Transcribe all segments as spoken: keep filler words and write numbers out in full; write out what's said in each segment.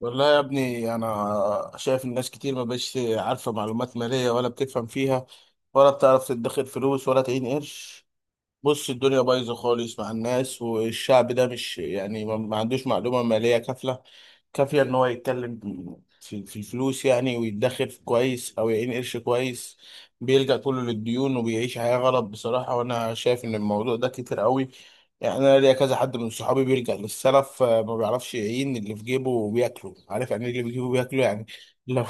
والله يا ابني انا شايف الناس كتير ما بقتش عارفه معلومات ماليه ولا بتفهم فيها، ولا بتعرف تدخر فلوس ولا تعين قرش. بص، الدنيا بايظه خالص مع الناس، والشعب ده مش يعني ما ما عندوش معلومه ماليه كافله كافيه ان هو يتكلم في في الفلوس يعني، ويدخر في كويس او يعين قرش كويس. بيلجأ كله للديون وبيعيش حياه غلط بصراحه، وانا شايف ان الموضوع ده كتير قوي. يعني انا ليا كذا حد من صحابي بيلجأ للسلف آه، ما بيعرفش يعين اللي في جيبه وبياكله، عارف يعني إيه اللي في جيبه بياكله يعني. لو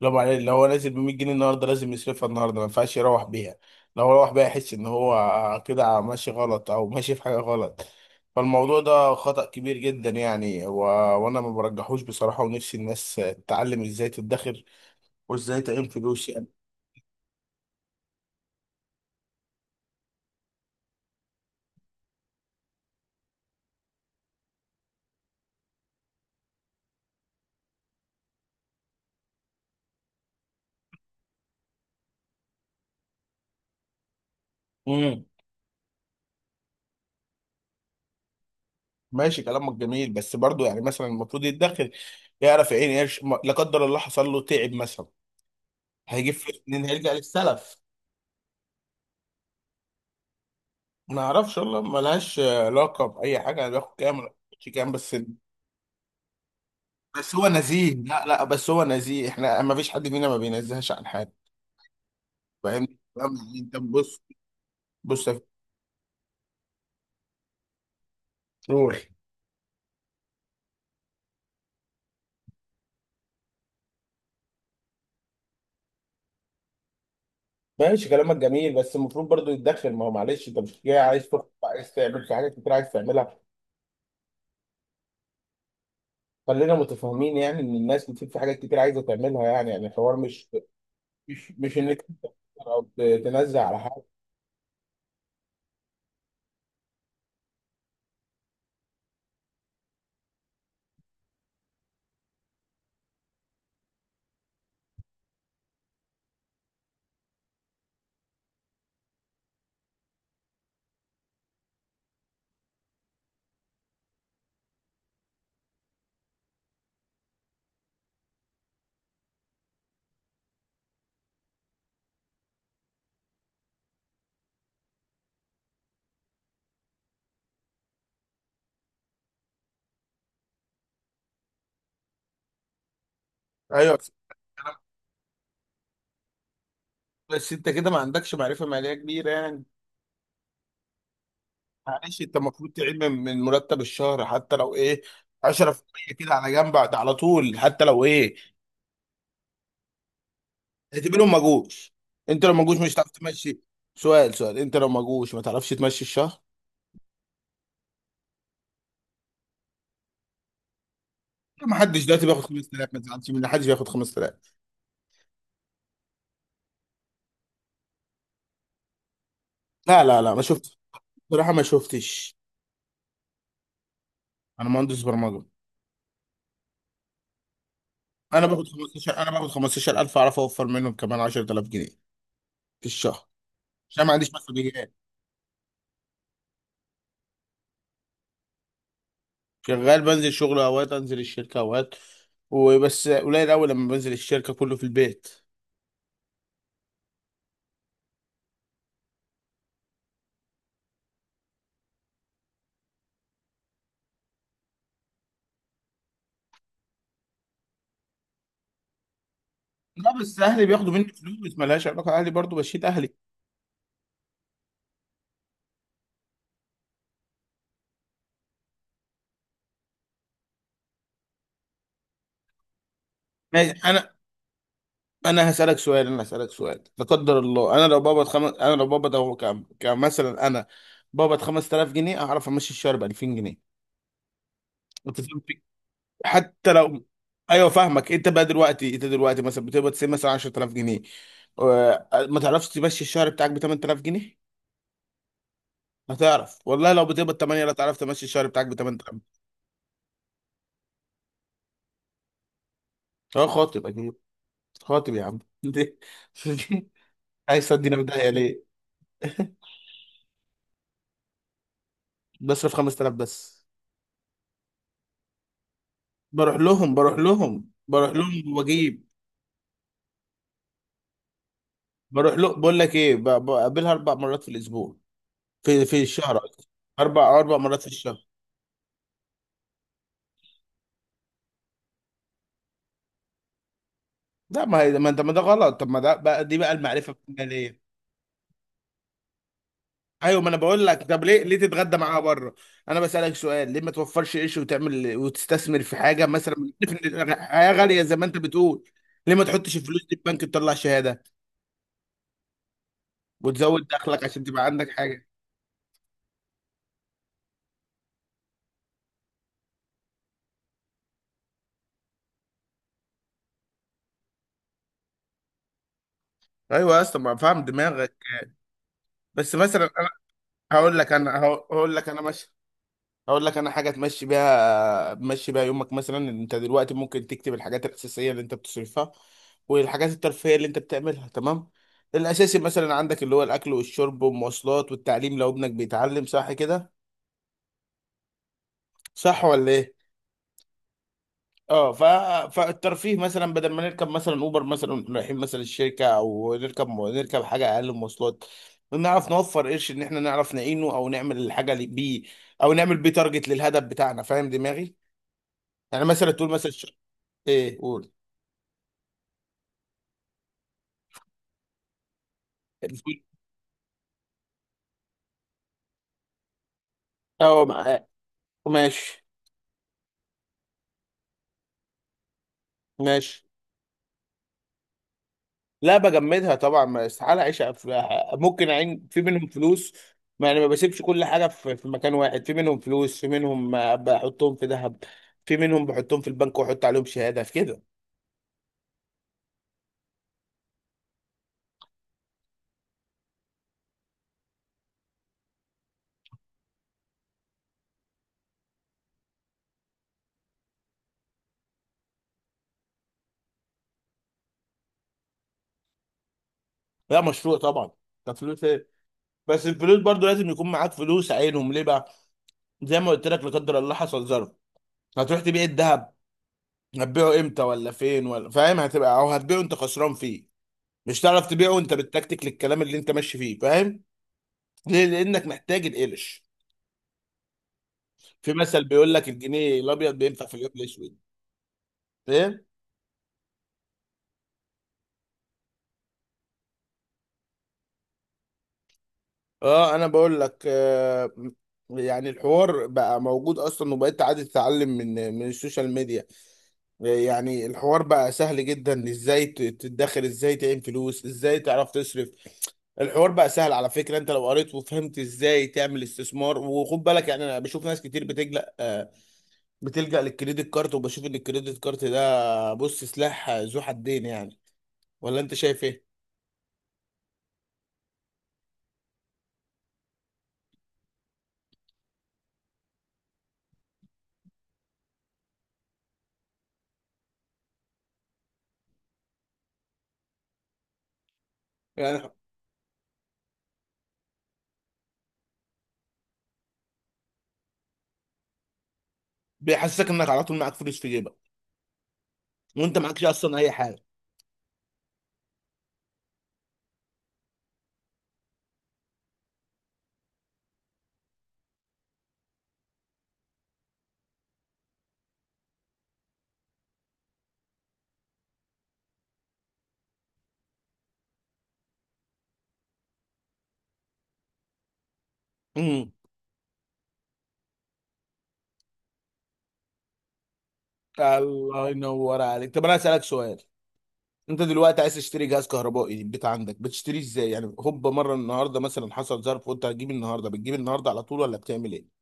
لو معل- لو هو نازل ب مية جنيه النهارده لازم يصرفها النهارده، ما ينفعش يروح بيها. لو هو الواحد بقى يحس ان هو كده ماشي غلط او ماشي في حاجه غلط، فالموضوع ده خطأ كبير جدا يعني و... وانا ما برجحوش بصراحه، ونفسي الناس تتعلم ازاي تدخر وازاي تعين فلوس يعني. امم. ماشي كلامك جميل، بس برضو يعني مثلا المفروض يدخر، يعرف يعين قرش ما- لا قدر الله حصل له تعب مثلا، هيجيب فلوس منين؟ هيرجع للسلف. ما اعرفش والله، ملهاش علاقه باي حاجه يعني، بياخد كام ولا بياخدش كام بس. بس هو نزيه، لا لا، بس هو نزيه، احنا ما فيش حد فينا ما بينزهش عن حاجه. فاهمني؟ فاهم؟ انت بص، بص. قول. ماشي كلامك جميل، بس المفروض برضو يتدخل، ما هو معلش انت مش جاي عايز تخطب، عايز تعمل في حاجات كتير عايز تعملها. خلينا متفاهمين يعني، ان الناس بتبقى في حاجات كتير عايزه تعملها يعني، يعني الحوار مش مش مش انك انت او ت- تنزل على حاجه. ايوه. بس انت كده ما عندكش معرفه ماليه كبيره يعني. معلش، انت المفروض تعين من من مرتب الشهر، حتى لو ايه، عشرة في المية كده على جنب على طول، حتى لو ايه. اعتبرهم ما جوش، انت لو ما جوش مش هتعرف تمشي. سؤال سؤال، انت لو ما جوش ما تعرفش تمشي الشهر. ما حدش دلوقتي بياخد خمس تلاف، ما تزعلش من حدش بياخد خمس تلاف. لا لا لا، ما شفتش، بصراحه ما شفتش. انا مهندس برمجه. انا باخد خمستاشر، انا باخد خمستاشر الف، اعرف اوفر منهم كمان عشر تلاف جنيه في الشهر، عشان ما عنديش مسؤوليات. شغال بنزل شغل، اوقات انزل الشركه اوقات، وبس قليل قوي لما بنزل الشركه، كله في البيت. لا بس اهلي بياخدوا مني فلوس، ملهاش علاقه، اهلي برضو بشيل اهلي. انا انا هسالك سؤال، انا هسالك سؤال، لا قدر الله انا لو بقبض خمس، انا لو بقبض اهو كم كمثلا، انا بقبض خمس تلاف جنيه اعرف امشي الشهر ب الفين جنيه. انت فاهم في- حتى لو. ايوه فاهمك. انت بقى دلوقتي انت دلوقتي مثلا بتقبض سي مثلا عشر تلاف جنيه، آه، ما تعرفش تمشي الشهر بتاعك ب ثمانية آلاف جنيه. هتعرف والله، لو بتقبض تمنية لا تعرف تمشي الشهر بتاعك ب تمنية آلاف. اه خاطب، اكيد خاطب يا عم. ليه؟ عايز تودينا في داهيه ليه؟ بصرف خمس تلاف بس. بروح لهم، بروح لهم، بروح لهم وبجيب. بروح له، بقول لك ايه، ب- بقابلها اربع مرات في الاسبوع، في في الشهر قصدي. اربع اربع مرات في الشهر. لا ما هي، ما انت، ما ده غلط، طب ما ده بقى، دي بقى المعرفه بتعمل. ايوه، ما انا بقول لك، طب ليه ليه تتغدى معاها بره؟ انا بسالك سؤال، ليه ما توفرش قرش وتعمل وتستثمر في حاجه مثلا؟ عارف ان الحياه غاليه زي ما انت بتقول. ليه ما تحطش الفلوس دي في بنك تطلع شهاده وتزود دخلك عشان تبقى عندك حاجه؟ ايوه يا اسطى، ما فاهم دماغك، بس مثلا هقول لك انا، هقول هقول لك انا، ماشي، هقول لك انا حاجه تمشي بيها، تمشي بيها يومك. مثلا انت دلوقتي ممكن تكتب الحاجات الاساسيه اللي انت بتصرفها، والحاجات الترفيهيه اللي انت بتعملها، تمام؟ الاساسي مثلا عندك اللي هو الاكل والشرب والمواصلات والتعليم، لو ابنك بيتعلم، صح كده؟ صح ولا ايه؟ اه. ف... فالترفيه مثلا، بدل ما نركب مثلا اوبر مثلا رايحين مثلا الشركه، او نركب نركب حاجه اقل مواصلات، نعرف نوفر قرش، ان احنا نعرف نعينه، او نعمل الحاجه اللي بيه، او نعمل بيه تارجت للهدف بتاعنا. فاهم دماغي؟ يعني مثلا تقول مثلا الش- ايه. قول. اه مع- ماشي. ماشي. لا بجمدها طبعا، ما استحاله اعيش في، ممكن اعين في منهم فلوس. ما يعني، ما بسيبش كل حاجه في في مكان واحد، في منهم فلوس، في منهم آه، بحطهم في ذهب، في منهم بحطهم في البنك واحط عليهم شهاده، في كده. لا مشروع طبعا، ده فلوس ايه. بس الفلوس برضو لازم يكون معاك فلوس، عينهم ليه بقى؟ زي ما قلت لك، لا قدر الله حصل ظرف، هتروح تبيع الذهب؟ هتبيعه امتى ولا فين ولا، فاهم، هتبقى، او هتبيعه انت خسران فيه. مش هتعرف تبيعه انت بالتكتيك للكلام اللي انت ماشي فيه، فاهم؟ ليه؟ لانك محتاج القلش. في مثل بيقول لك الجنيه الابيض بينفع في اليوم الاسود. ايه؟ اه انا بقول لك، آه. يعني الحوار بقى موجود اصلا، وبقيت عادي تتعلم من من السوشيال ميديا. يعني الحوار بقى سهل جدا، ازاي ت- تتدخل، ازاي تعين فلوس، ازاي تعرف تصرف. الحوار بقى سهل، على فكرة، انت لو قريت وفهمت ازاي تعمل استثمار. وخد بالك يعني، انا بشوف ناس كتير بتلجأ آه، بتلجأ للكريدت كارت، وبشوف ان الكريدت كارت ده بص سلاح ذو حدين يعني، ولا انت شايف ايه؟ يعني بيحسسك انك على طول معاك فلوس في جيبك، وانت معكش اصلا اي حاجه. امم. الله ينور عليك. طب انا اسالك سؤال، انت دلوقتي عايز تشتري جهاز كهربائي للبيت، عندك بتشتريه ازاي؟ يعني هوب مره النهارده مثلا حصل ظرف وانت هتجيب النهارده، بتجيب النهارده على طول ولا بتعمل ايه؟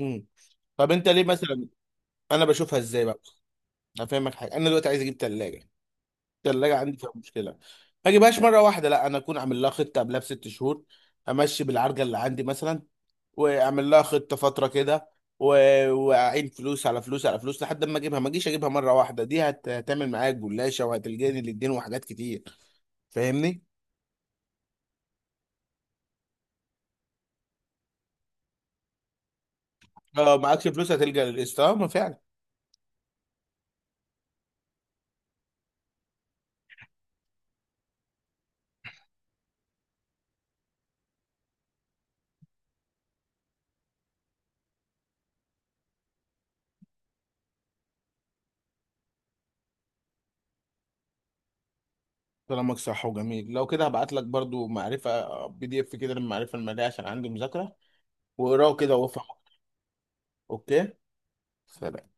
امم. طب انت ليه مثلا، انا بشوفها ازاي بقى، هفهمك حاجه. انا دلوقتي عايز اجيب ثلاجه، الثلاجه عندي فيها مشكله، ما اجيبهاش مره واحده، لا انا اكون عامل لها خطه قبلها بست شهور، امشي بالعرجه اللي عندي مثلا، واعمل لها خطه فتره كده، و- واعين فلوس على فلوس على فلوس لحد ما اجيبها. ما اجيش اجيبها مره واحده، دي هت- هتعمل معايا جلاشه وهتلجاني للدين وحاجات كتير، فاهمني؟ اه معكش فلوس هتلجأ للقسط، اه ما فعلا. كلامك صح وجميل. لو كده هبعت لك برضو معرفه بي دي اف كده للمعرفه الماليه، عشان عندي مذاكره، واقراه كده وافهم. اوكي. سلام.